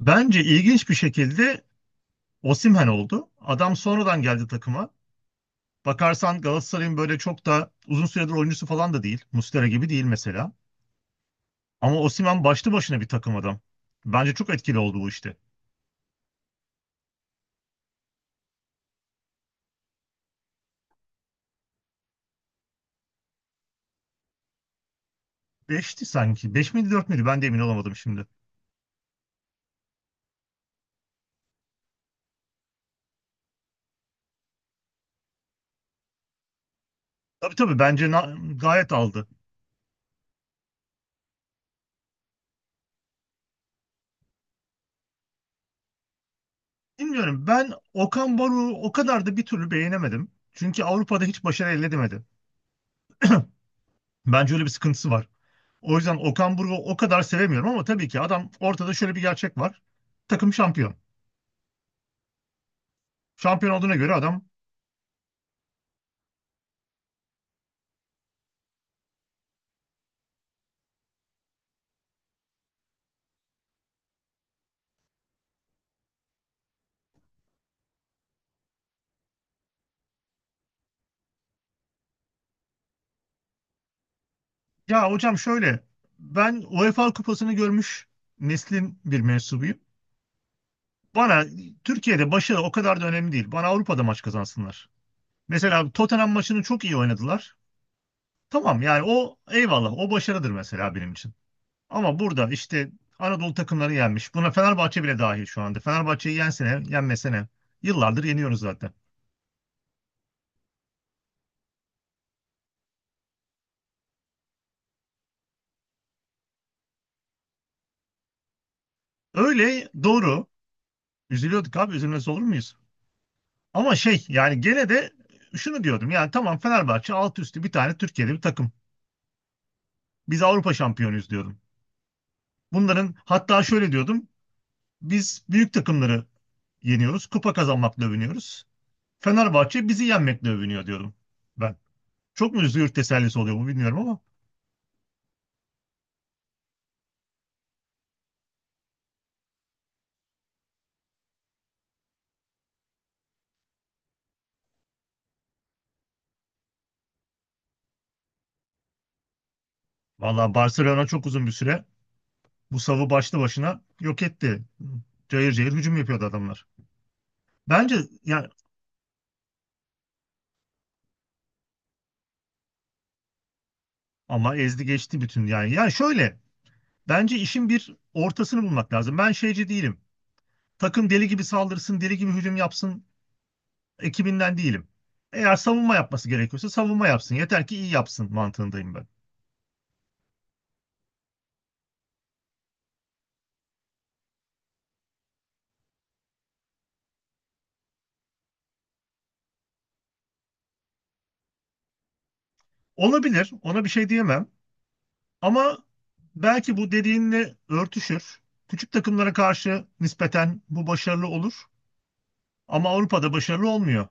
Bence ilginç bir şekilde Osimhen oldu. Adam sonradan geldi takıma. Bakarsan Galatasaray'ın böyle çok da uzun süredir oyuncusu falan da değil. Muslera gibi değil mesela. Ama Osimhen başlı başına bir takım adam. Bence çok etkili oldu bu işte. Beşti sanki. Beş miydi dört müydü? Ben de emin olamadım şimdi. Tabii tabii bence gayet aldı. Bilmiyorum, ben Okan Baruk'u o kadar da bir türlü beğenemedim. Çünkü Avrupa'da hiç başarı elde edemedi. Bence öyle bir sıkıntısı var. O yüzden Okan Buruk'u o kadar sevemiyorum ama tabii ki adam ortada, şöyle bir gerçek var. Takım şampiyon. Şampiyon olduğuna göre adam, ya hocam şöyle, ben UEFA kupasını görmüş neslin bir mensubuyum. Bana Türkiye'de başarı o kadar da önemli değil. Bana Avrupa'da maç kazansınlar. Mesela Tottenham maçını çok iyi oynadılar. Tamam yani, o eyvallah, o başarıdır mesela benim için. Ama burada işte Anadolu takımları yenmiş. Buna Fenerbahçe bile dahil şu anda. Fenerbahçe'yi yensene, yenmesene. Yıllardır yeniyoruz zaten. Öyle, doğru. Üzülüyorduk abi, üzülmez olur muyuz? Ama şey yani, gene de şunu diyordum yani, tamam Fenerbahçe alt üstü bir tane Türkiye'de bir takım. Biz Avrupa şampiyonuyuz diyordum. Bunların hatta şöyle diyordum, biz büyük takımları yeniyoruz, kupa kazanmakla övünüyoruz. Fenerbahçe bizi yenmekle övünüyor diyordum ben. Çok mu üzülür, tesellisi oluyor mu bilmiyorum ama vallahi Barcelona çok uzun bir süre bu savı başlı başına yok etti. Cayır cayır hücum yapıyordu adamlar. Bence, yani, ama ezdi geçti bütün yani. Yani şöyle, bence işin bir ortasını bulmak lazım. Ben şeyci değilim. Takım deli gibi saldırsın, deli gibi hücum yapsın ekibinden değilim. Eğer savunma yapması gerekiyorsa savunma yapsın. Yeter ki iyi yapsın mantığındayım ben. Olabilir, ona bir şey diyemem. Ama belki bu dediğinle örtüşür. Küçük takımlara karşı nispeten bu başarılı olur. Ama Avrupa'da başarılı olmuyor.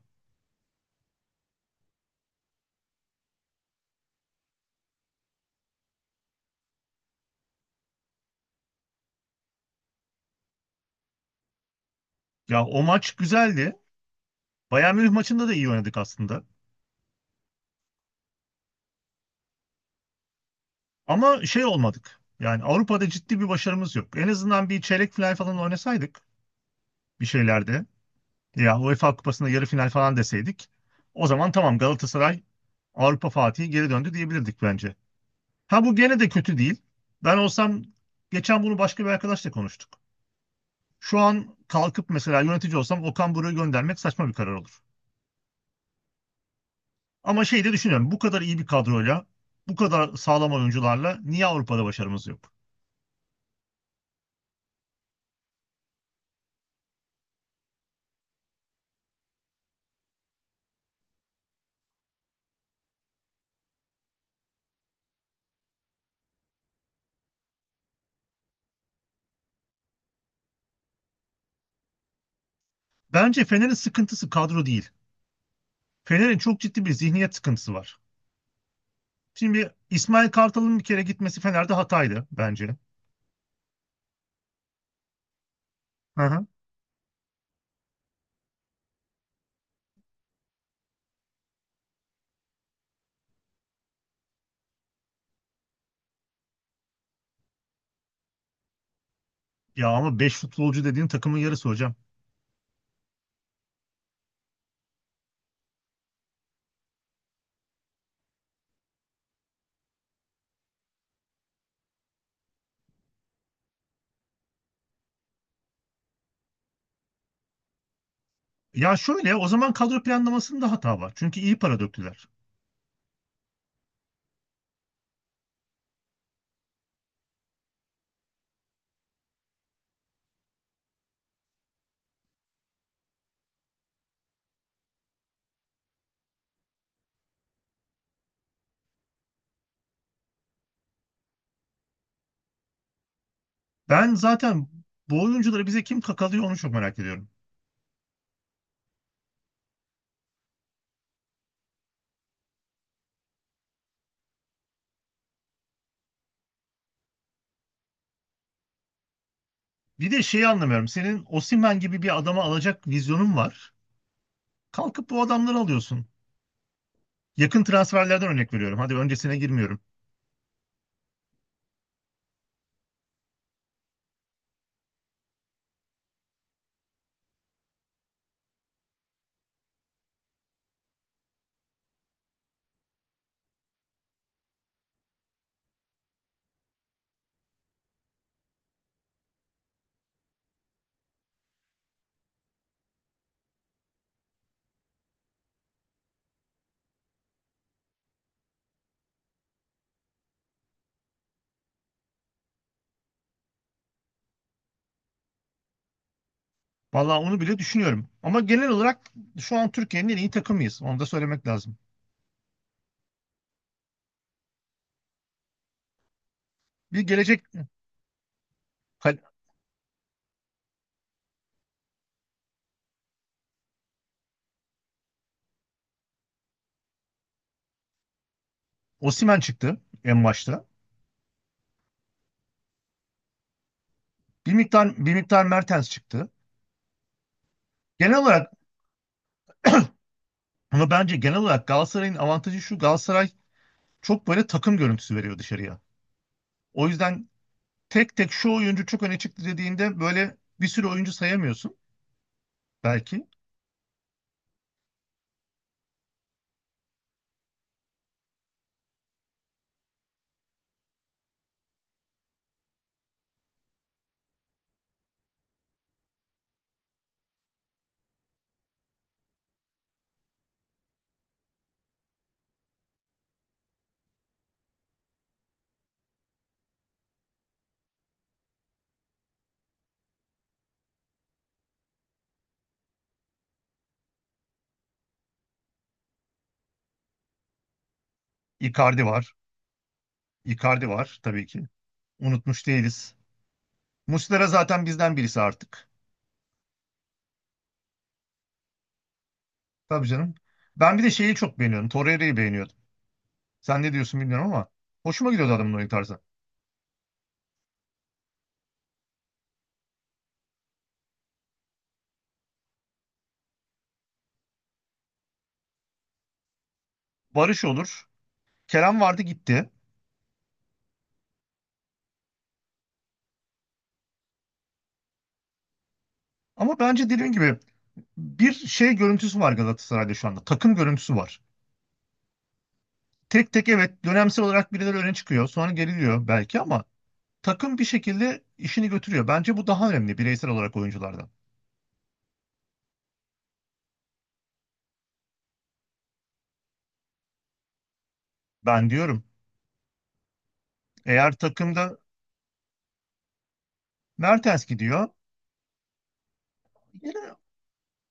Ya o maç güzeldi. Bayern Münih maçında da iyi oynadık aslında. Ama şey olmadık. Yani Avrupa'da ciddi bir başarımız yok. En azından bir çeyrek final falan oynasaydık, bir şeylerde, ya UEFA Kupası'nda yarı final falan deseydik, o zaman tamam Galatasaray Avrupa Fatih'i geri döndü diyebilirdik bence. Ha, bu gene de kötü değil. Ben olsam, geçen bunu başka bir arkadaşla konuştuk. Şu an kalkıp mesela yönetici olsam Okan Buruk'u göndermek saçma bir karar olur. Ama şey de düşünüyorum, bu kadar iyi bir kadroyla, bu kadar sağlam oyuncularla niye Avrupa'da başarımız yok? Bence Fener'in sıkıntısı kadro değil. Fener'in çok ciddi bir zihniyet sıkıntısı var. Şimdi İsmail Kartal'ın bir kere gitmesi Fener'de hataydı bence. Hı hı. Ya ama 5 futbolcu dediğin takımın yarısı hocam. Ya şöyle, o zaman kadro planlamasında hata var. Çünkü iyi para döktüler. Ben zaten bu oyuncuları bize kim kakalıyor onu çok merak ediyorum. Bir de şeyi anlamıyorum. Senin Osimhen gibi bir adama alacak vizyonun var. Kalkıp bu adamları alıyorsun. Yakın transferlerden örnek veriyorum. Hadi öncesine girmiyorum. Vallahi onu bile düşünüyorum. Ama genel olarak şu an Türkiye'nin en iyi takımıyız. Onu da söylemek lazım. Bir gelecek Kal- Osimhen çıktı en başta. Bir miktar Mertens çıktı. Genel olarak, ama bence genel olarak Galatasaray'ın avantajı şu. Galatasaray çok böyle takım görüntüsü veriyor dışarıya. O yüzden tek tek şu oyuncu çok öne çıktı dediğinde böyle bir sürü oyuncu sayamıyorsun. Belki. Icardi var. Icardi var tabii ki. Unutmuş değiliz. Muslera zaten bizden birisi artık. Tabii canım. Ben bir de şeyi çok beğeniyorum. Torreira'yı beğeniyordum. Sen ne diyorsun bilmiyorum ama hoşuma gidiyordu adamın oyun tarzı. Barış olur. Kerem vardı, gitti. Ama bence dediğim gibi bir şey görüntüsü var Galatasaray'da şu anda. Takım görüntüsü var. Tek tek evet, dönemsel olarak birileri öne çıkıyor sonra geriliyor belki, ama takım bir şekilde işini götürüyor. Bence bu daha önemli bireysel olarak oyunculardan. Ben diyorum, eğer takımda Mertens gidiyor, yine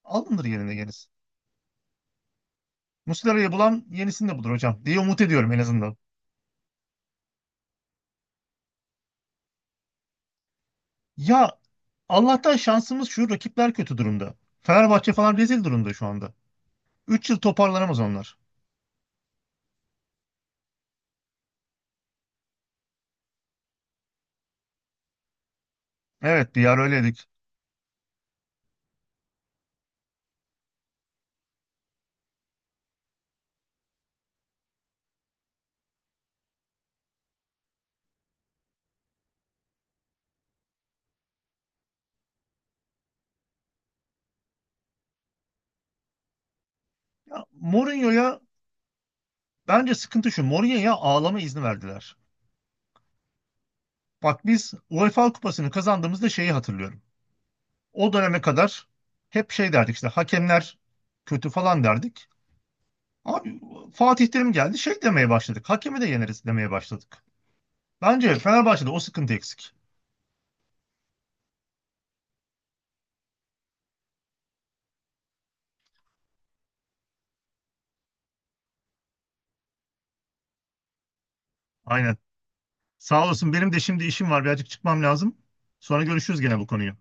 alınır yerine yenisi. Muslera'yı bulan yenisini de bulur hocam diye umut ediyorum en azından. Ya Allah'tan şansımız şu, rakipler kötü durumda. Fenerbahçe falan rezil durumda şu anda. 3 yıl toparlanamaz onlar. Evet, bir yer öyleydik. Ya Mourinho'ya, bence sıkıntı şu, Mourinho'ya ağlama izni verdiler. Bak biz UEFA Kupası'nı kazandığımızda şeyi hatırlıyorum. O döneme kadar hep şey derdik, işte hakemler kötü falan derdik. Abi, Fatih Terim geldi şey demeye başladık. Hakemi de yeneriz demeye başladık. Bence Fenerbahçe'de o sıkıntı eksik. Aynen. Sağ olasın, benim de şimdi işim var, birazcık çıkmam lazım. Sonra görüşürüz gene bu konuyu.